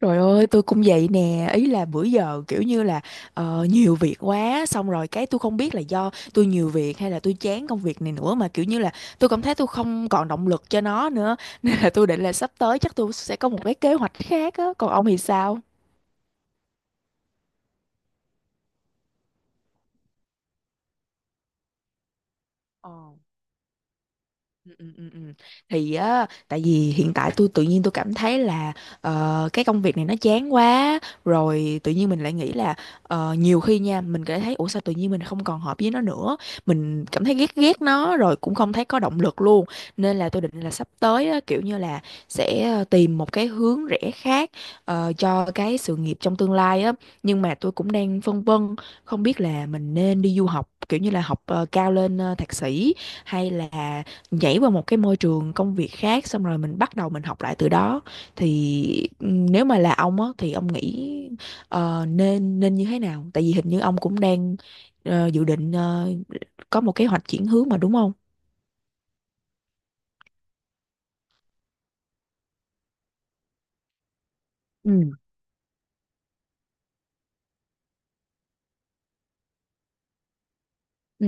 Trời ơi, tôi cũng vậy nè, ý là bữa giờ kiểu như là nhiều việc quá, xong rồi cái tôi không biết là do tôi nhiều việc hay là tôi chán công việc này nữa mà kiểu như là tôi cảm thấy tôi không còn động lực cho nó nữa, nên là tôi định là sắp tới chắc tôi sẽ có một cái kế hoạch khác á, còn ông thì sao? Ờ. Ừ, ừ, ừ, ừ. Thì á, tại vì hiện tại tôi tự nhiên tôi cảm thấy là cái công việc này nó chán quá, rồi tự nhiên mình lại nghĩ là nhiều khi nha mình cảm thấy ủa sao tự nhiên mình không còn hợp với nó nữa, mình cảm thấy ghét ghét nó rồi cũng không thấy có động lực luôn. Nên là tôi định là sắp tới á, kiểu như là sẽ tìm một cái hướng rẽ khác, cho cái sự nghiệp trong tương lai á. Nhưng mà tôi cũng đang phân vân, không biết là mình nên đi du học kiểu như là học cao lên thạc sĩ, hay là nhảy qua một cái môi trường công việc khác xong rồi mình bắt đầu mình học lại từ đó. Thì nếu mà là ông á thì ông nghĩ nên nên như thế nào? Tại vì hình như ông cũng đang dự định có một kế hoạch chuyển hướng mà đúng không? Ừ. Ừ.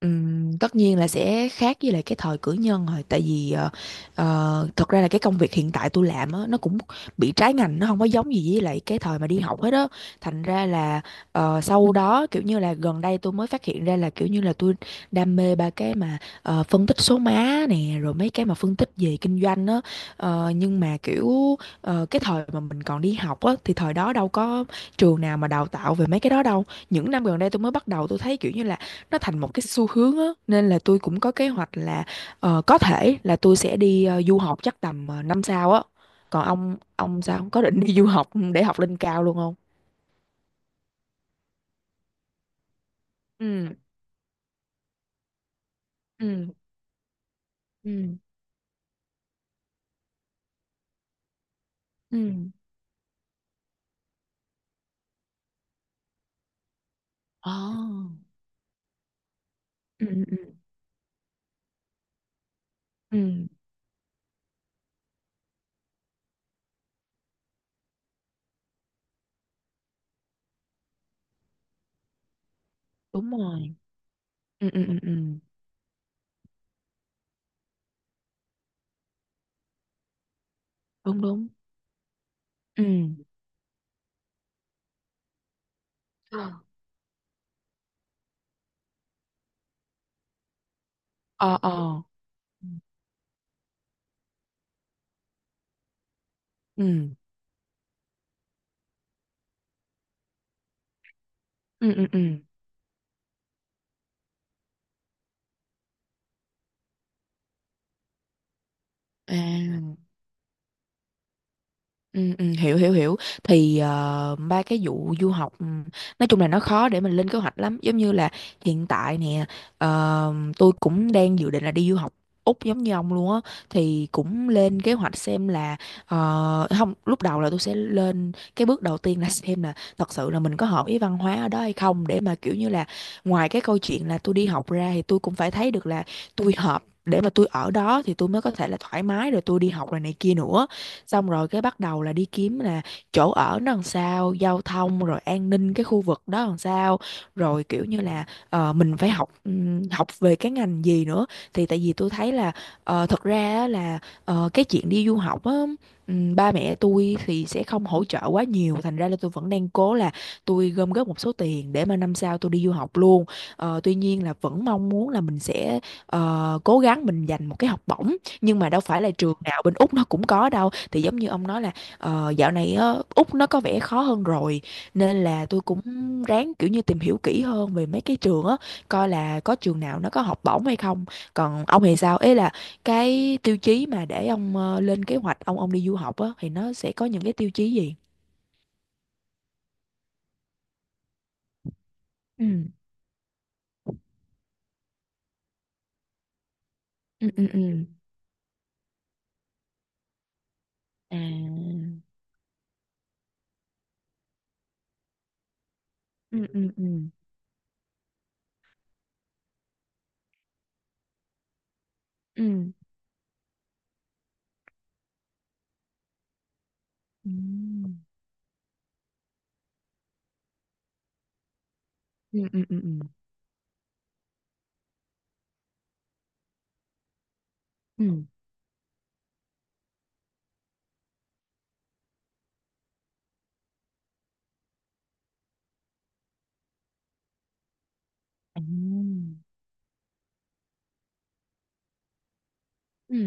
Tất nhiên là sẽ khác với lại cái thời cử nhân rồi, tại vì thật ra là cái công việc hiện tại tôi làm á, nó cũng bị trái ngành, nó không có giống gì với lại cái thời mà đi học hết á. Thành ra là sau đó kiểu như là gần đây tôi mới phát hiện ra là kiểu như là tôi đam mê ba cái mà phân tích số má nè rồi mấy cái mà phân tích về kinh doanh á. Nhưng mà kiểu cái thời mà mình còn đi học á thì thời đó đâu có trường nào mà đào tạo về mấy cái đó đâu. Những năm gần đây tôi mới bắt đầu tôi thấy kiểu như là nó thành một cái xu hướng á, nên là tôi cũng có kế hoạch là có thể là tôi sẽ đi du học chắc tầm năm sau á. Còn ông sao ông có định đi du học để học lên cao luôn không? Ừ, ừ, ừ, ừ. Ồ. Ừ, ừ, ừ, ừ. Đúng rồi. Ừ, ừ, ừ, ừ. Đúng, đúng. Ừ, ừ. Ờ, ờ. Ừ, ừ, ừ, ừ, ừ. À. Ừ, ừ, hiểu, hiểu, hiểu. Thì ba cái vụ du học, nói chung là nó khó để mình lên kế hoạch lắm. Giống như là hiện tại nè, tôi cũng đang dự định là đi du học Úc giống như ông luôn á. Thì cũng lên kế hoạch xem là không, lúc đầu là tôi sẽ lên cái bước đầu tiên là xem là thật sự là mình có hợp với văn hóa ở đó hay không, để mà kiểu như là ngoài cái câu chuyện là tôi đi học ra thì tôi cũng phải thấy được là tôi hợp để mà tôi ở đó thì tôi mới có thể là thoải mái rồi tôi đi học rồi này kia nữa. Xong rồi cái bắt đầu là đi kiếm là chỗ ở nó làm sao, giao thông rồi an ninh cái khu vực đó làm sao, rồi kiểu như là mình phải học học về cái ngành gì nữa. Thì tại vì tôi thấy là thật ra á là cái chuyện đi du học á, ba mẹ tôi thì sẽ không hỗ trợ quá nhiều, thành ra là tôi vẫn đang cố là tôi gom góp một số tiền để mà năm sau tôi đi du học luôn. Tuy nhiên là vẫn mong muốn là mình sẽ cố gắng mình dành một cái học bổng, nhưng mà đâu phải là trường nào bên Úc nó cũng có đâu. Thì giống như ông nói là dạo này á, Úc nó có vẻ khó hơn rồi, nên là tôi cũng ráng kiểu như tìm hiểu kỹ hơn về mấy cái trường á, coi là có trường nào nó có học bổng hay không. Còn ông thì sao, ấy là cái tiêu chí mà để ông lên kế hoạch ông đi du học á thì nó sẽ có những cái tiêu chí gì? Ừ, ừ, ừ, ừ. À. Ừ, ừ, ừ, ừ, ừ, ừ, ừ, ừ, ừ, ừ, ừ, ừ,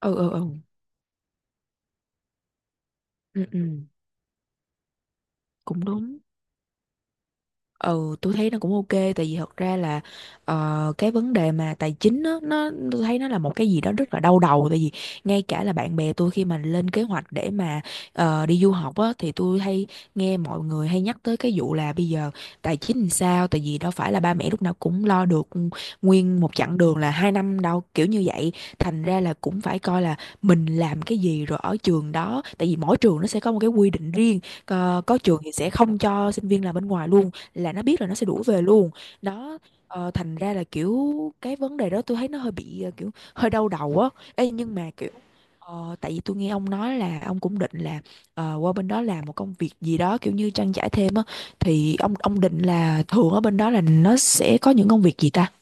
ừ, ừ, ừ, ừ. Cũng đúng. Ừ, tôi thấy nó cũng OK, tại vì thật ra là cái vấn đề mà tài chính á, nó tôi thấy nó là một cái gì đó rất là đau đầu. Tại vì ngay cả là bạn bè tôi khi mà lên kế hoạch để mà đi du học á thì tôi hay nghe mọi người hay nhắc tới cái vụ là bây giờ tài chính làm sao. Tại vì đâu phải là ba mẹ lúc nào cũng lo được nguyên một chặng đường là hai năm đâu kiểu như vậy, thành ra là cũng phải coi là mình làm cái gì rồi ở trường đó. Tại vì mỗi trường nó sẽ có một cái quy định riêng, có trường thì sẽ không cho sinh viên làm bên ngoài luôn, là nó biết là nó sẽ đuổi về luôn đó. Thành ra là kiểu cái vấn đề đó tôi thấy nó hơi bị kiểu hơi đau đầu á. Ê, nhưng mà kiểu tại vì tôi nghe ông nói là ông cũng định là qua bên đó làm một công việc gì đó kiểu như trang trải thêm á, thì ông định là thường ở bên đó là nó sẽ có những công việc gì ta?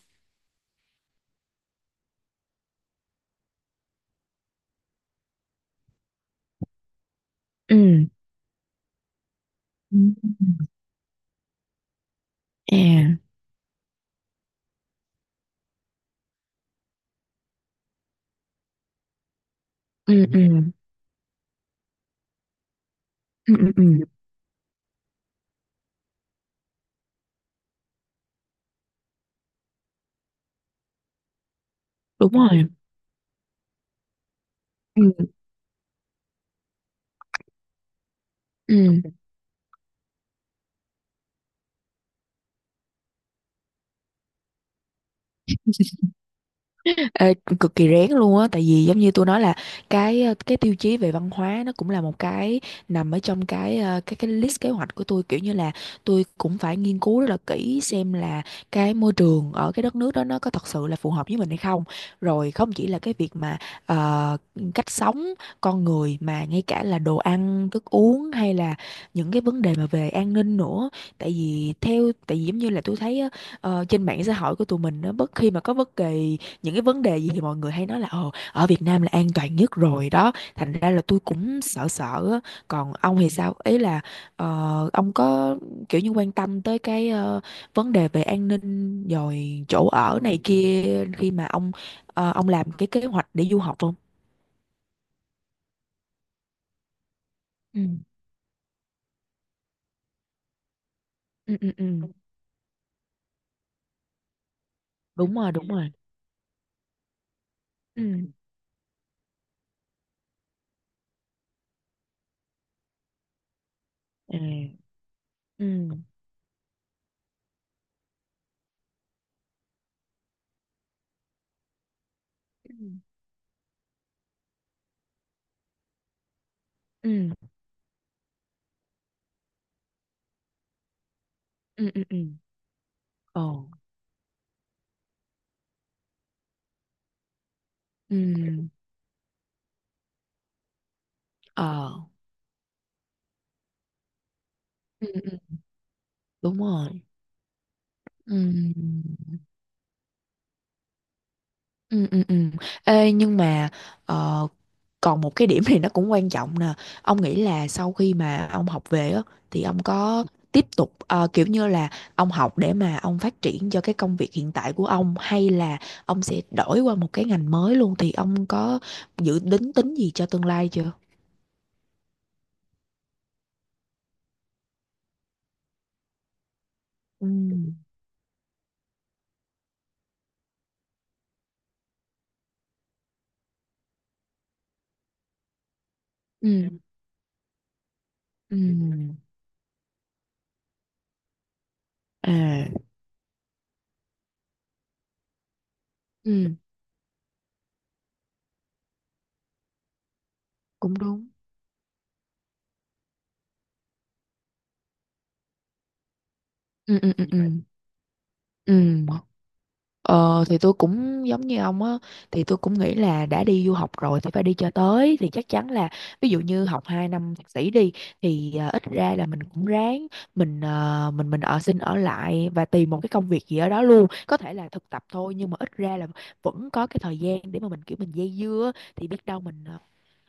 Ừ, ừ. À. Ừ, ừ, ừ, ừ, ừ. Đúng rồi. Ừ, ừ. Ê, cực kỳ rén luôn á, tại vì giống như tôi nói là cái cái tiêu chí về văn hóa nó cũng là một cái nằm ở trong cái ờ, cái list kế hoạch của tôi, kiểu như là tôi cũng phải nghiên cứu rất là kỹ xem là cái môi trường ở cái đất nước đó nó có thật sự là phù hợp với mình hay không. Rồi không chỉ là cái việc mà ờ, cách sống con người mà ngay cả là đồ ăn thức uống hay là những cái vấn đề mà về an ninh nữa, tại vì giống như là tôi thấy á, trên mạng xã hội của tụi mình nó bất khi mà có bất kỳ những cái vấn đề gì thì mọi người hay nói là ồ ở Việt Nam là an toàn nhất rồi đó. Thành ra là tôi cũng sợ sợ á. Còn ông thì sao, ý là ông có kiểu như quan tâm tới cái vấn đề về an ninh rồi chỗ ở này kia khi mà ông làm cái kế hoạch để du học không? Ừ. Ừ, ừ, ừ. Đúng rồi, đúng rồi. Ừ. Ừ, ừ. Ừ. Ừ, ừ, ừ, ừ. Ồ. Ừ. Ờ. Ừ, ừ. Đúng rồi. Ừ. Ừ, ừ, ừ. Ê, nhưng mà ờ, còn một cái điểm thì nó cũng quan trọng nè. Ông nghĩ là sau khi mà ông học về á, thì ông có tiếp tục kiểu như là ông học để mà ông phát triển cho cái công việc hiện tại của ông hay là ông sẽ đổi qua một cái ngành mới luôn, thì ông có dự định tính gì cho tương lai chưa? Ừ. Ừ. Ừ. À. Ừ. Cũng đúng. Ừ. Ừ. Ừ. Ừ. Ừ. Thì tôi cũng giống như ông á, thì tôi cũng nghĩ là đã đi du học rồi thì phải đi cho tới, thì chắc chắn là ví dụ như học 2 năm thạc sĩ đi, thì à, ít ra là mình cũng ráng mình ờ, mình ở xin ở lại và tìm một cái công việc gì ở đó luôn, có thể là thực tập thôi. Nhưng mà ít ra là vẫn có cái thời gian để mà mình kiểu mình dây dưa á, thì biết đâu mình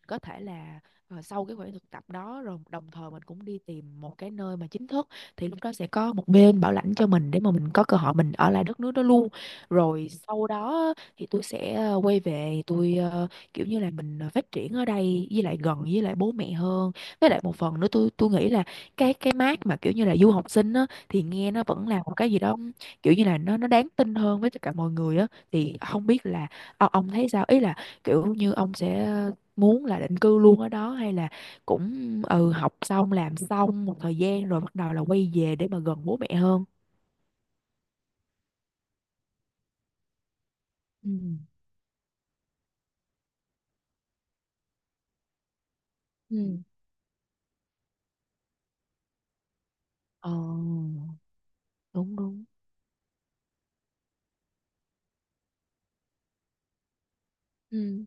có thể là sau cái khoảng thực tập đó rồi đồng thời mình cũng đi tìm một cái nơi mà chính thức, thì lúc đó sẽ có một bên bảo lãnh cho mình để mà mình có cơ hội mình ở lại đất nước đó luôn. Rồi sau đó thì tôi sẽ quay về tôi kiểu như là mình phát triển ở đây với lại gần với lại bố mẹ hơn. Với lại một phần nữa tôi nghĩ là cái mác mà kiểu như là du học sinh á thì nghe nó vẫn là một cái gì đó kiểu như là nó đáng tin hơn với tất cả mọi người á. Thì không biết là ông thấy sao, ý là kiểu như ông sẽ muốn là định cư luôn ở đó hay là cũng học xong làm xong một thời gian rồi bắt đầu là quay về để mà gần bố mẹ hơn? Ừ, ừ. Ờ, đúng, đúng. Ừ,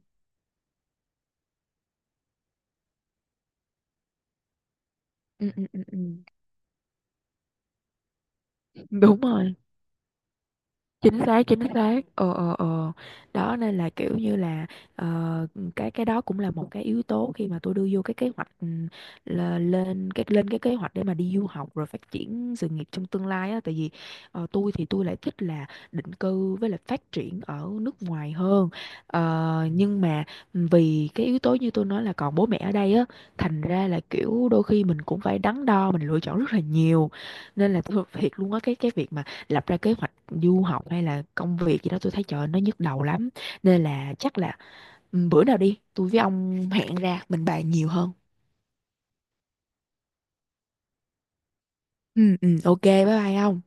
ừ, ừ, ừ, ừ. Đúng rồi. Chính xác, chính xác. Ờ, ờ, ờ. Đó, nên là kiểu như là ờ, cái đó cũng là một cái yếu tố khi mà tôi đưa vô cái kế hoạch, là lên cái kế hoạch để mà đi du học rồi phát triển sự nghiệp trong tương lai á. Tại vì tôi thì tôi lại thích là định cư với lại phát triển ở nước ngoài hơn. Nhưng mà vì cái yếu tố như tôi nói là còn bố mẹ ở đây á, thành ra là kiểu đôi khi mình cũng phải đắn đo mình lựa chọn rất là nhiều. Nên là tôi thiệt luôn á, cái việc mà lập ra kế hoạch du học hay là công việc gì đó tôi thấy trời ơi, nó nhức đầu lắm. Nên là chắc là bữa nào đi tôi với ông hẹn ra mình bàn nhiều hơn. Ừ, ừ. OK, bye bye ông.